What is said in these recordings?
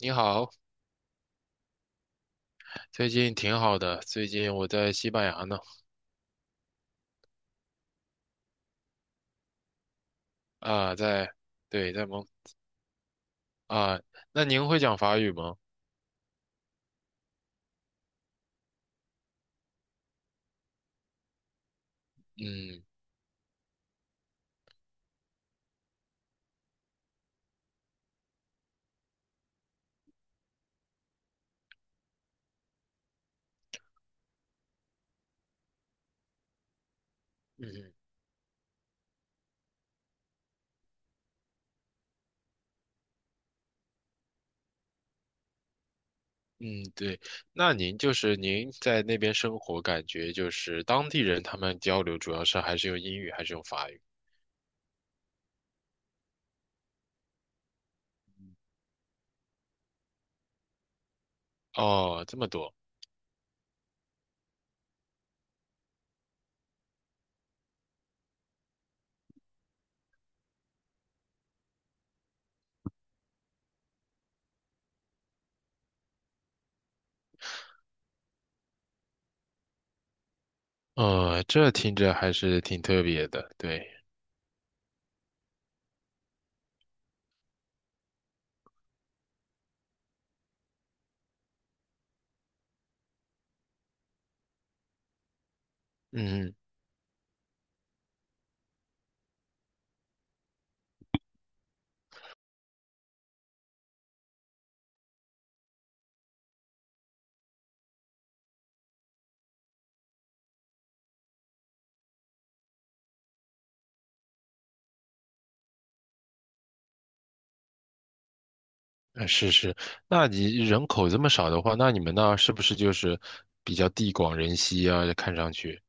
你好。最近挺好的。最近我在西班牙呢。啊，在，对，在蒙啊。那您会讲法语吗？嗯嗯嗯，对。那您就是您在那边生活，感觉就是当地人他们交流主要是还是用英语，还是用法语？哦，这么多。这听着还是挺特别的。对。嗯。是是。那你人口这么少的话，那你们那儿是不是就是比较地广人稀啊？看上去。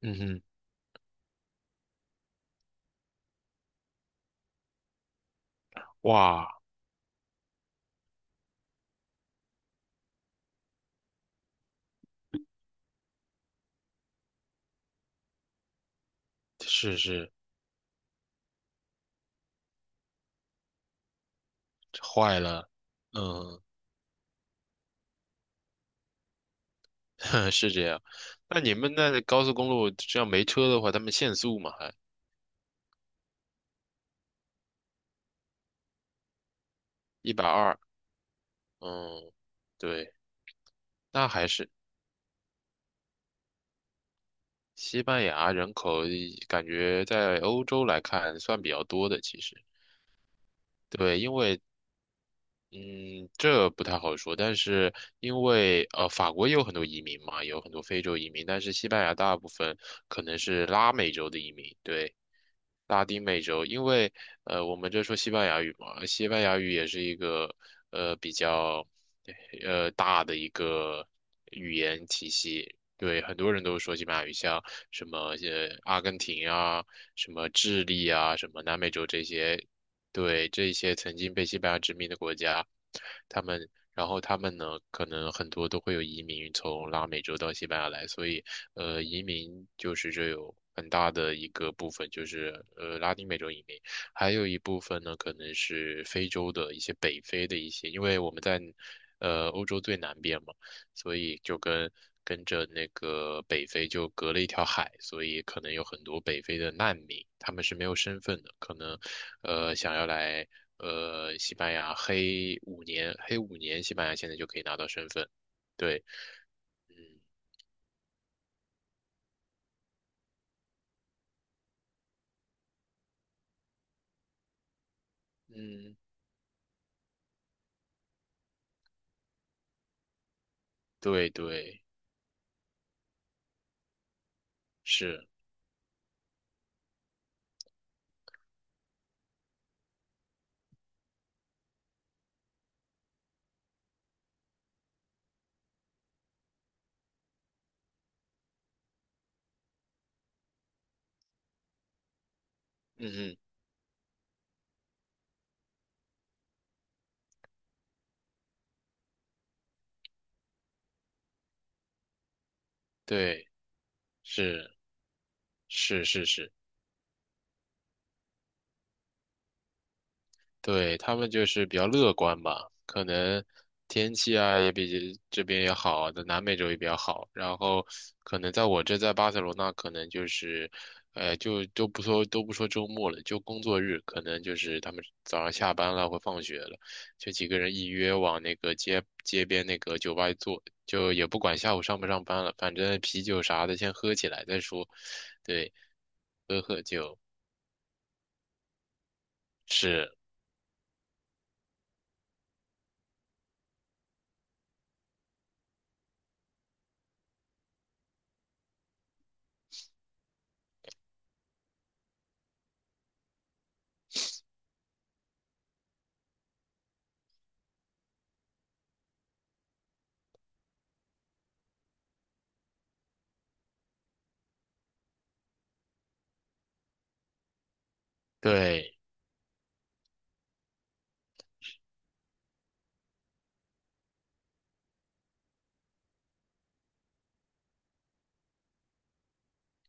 嗯哼。哇。是是。坏了。嗯。是这样。那你们那高速公路这样没车的话，他们限速嘛，还120。嗯，对。那还是西班牙人口感觉在欧洲来看算比较多的，其实。对，因为嗯，这不太好说。但是因为法国也有很多移民嘛，也有很多非洲移民，但是西班牙大部分可能是拉美洲的移民。对，拉丁美洲。因为我们这说西班牙语嘛。西班牙语也是一个比较大的一个西。对，很多人都说西班牙语像什么阿根廷啊、什么智利啊、什么南美洲这些。对，这些曾经被西班牙殖民的国家，他们，然后他们呢，可能很多都会有移民从拉美洲到西班牙来。所以移民就是这有很大的一个部分就是拉丁美洲移民。还有一部分呢可能是非洲的一些北非的一些，因为我们在欧洲最南边嘛。所以就跟跟着那个北非就隔了一条海，所以可能有很多北非的难民，他们是没有身份的，可能想要来西班牙黑五年，黑五年西班牙现在就可以拿到身份。对。嗯嗯，对对。是。嗯对。是是是是。对，他们就是比较乐观吧，可能天气啊也比这边也好，在南美洲也比较好。然后可能在我这在巴塞罗那，可能就是，就都不说周末了，就工作日，可能就是他们早上下班了或放学了，就几个人一约往那个街街边那个酒吧一坐，就也不管下午上不上班了，反正啤酒啥的先喝起来再说。对，喝喝酒。是。对。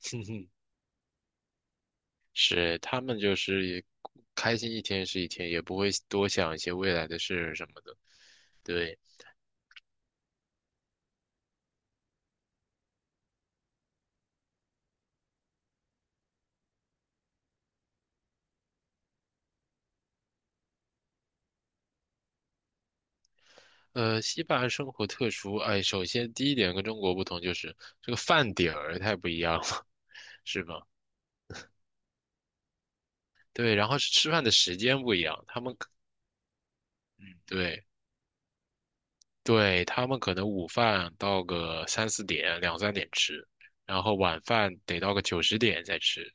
是他们就是也开心一天是一天，也不会多想一些未来的事什么的。对。西班牙生活特殊，哎，首先第一点跟中国不同就是这个饭点儿太不一样了，是吧？对，然后是吃饭的时间不一样，他们可嗯。对对，他们可能午饭到个3、4点、2、3点吃，然后晚饭得到个9、10点再吃。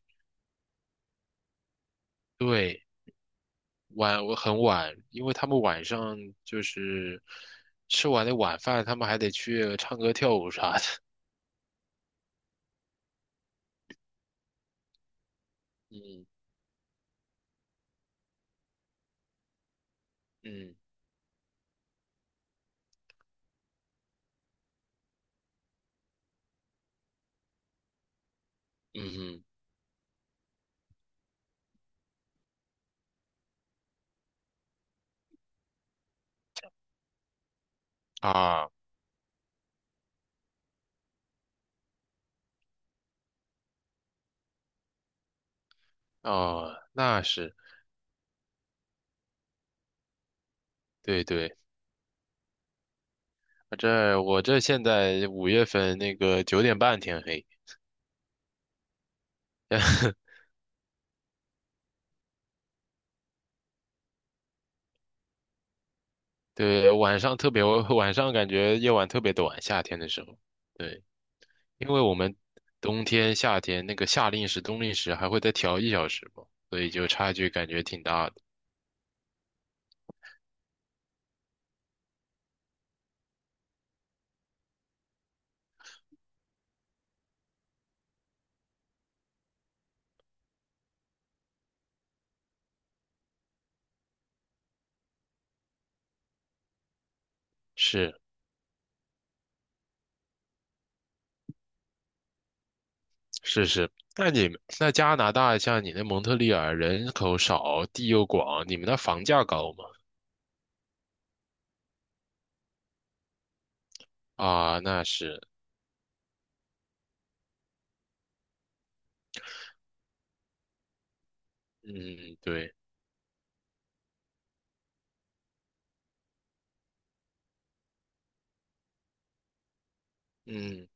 对。晚，我很晚，因为他们晚上就是吃完的晚饭，他们还得去唱歌跳舞啥的。嗯嗯嗯啊。哦，那是。对对，我这我这现在5月份那个9点半天黑。对，晚上特别晚上感觉夜晚特别短，夏天的时候。对，因为我们冬天夏天那个夏令时冬令时还会再调1小时嘛，所以就差距感觉挺大的。是。是是，那你们那加拿大像你那蒙特利尔人口少，地又广，你们那房价高吗？啊，那是。嗯，对。嗯，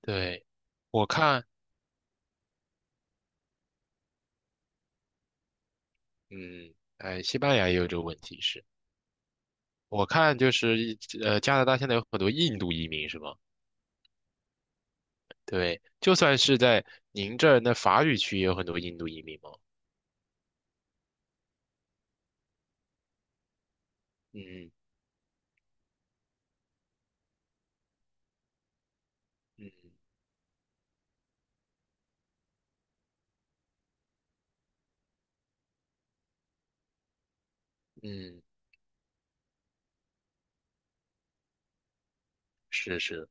对。我看。嗯。哎，西班牙也有这个问题是，我看就是一加拿大现在有很多印度移民是吗？对，就算是在您这儿那法语区也有很多印度移民吗？嗯嗯嗯，嗯是是。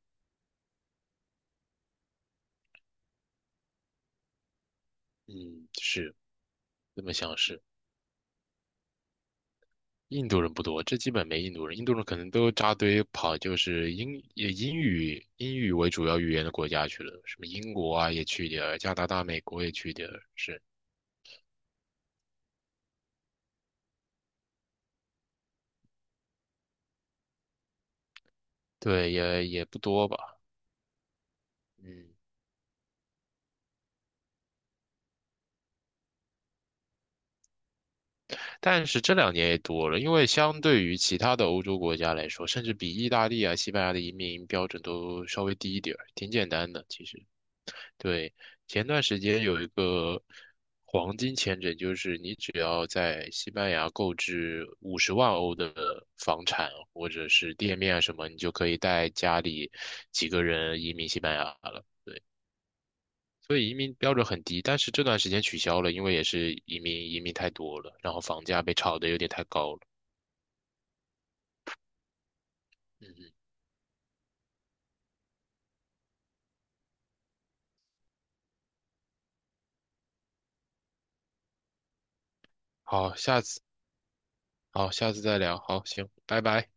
嗯是，这么想是。印度人不多，这基本没印度人，印度人可能都扎堆跑，就是英也英语英语为主要语言的国家去了，什么英国啊也去一点儿，加拿大、美国也去一点儿。是。对，也也不多吧。嗯，但是这两年也多了，因为相对于其他的欧洲国家来说，甚至比意大利啊、西班牙的移民标准都稍微低一点儿，挺简单的，其实。对，前段时间有一个黄金签证，就是你只要在西班牙购置50万欧的房产或者是店面啊什么，你就可以带家里几个人移民西班牙了。所以移民标准很低，但是这段时间取消了，因为也是移民太多了，然后房价被炒得有点太高了。嗯嗯。好，下次。好，下次再聊。好，行，拜拜。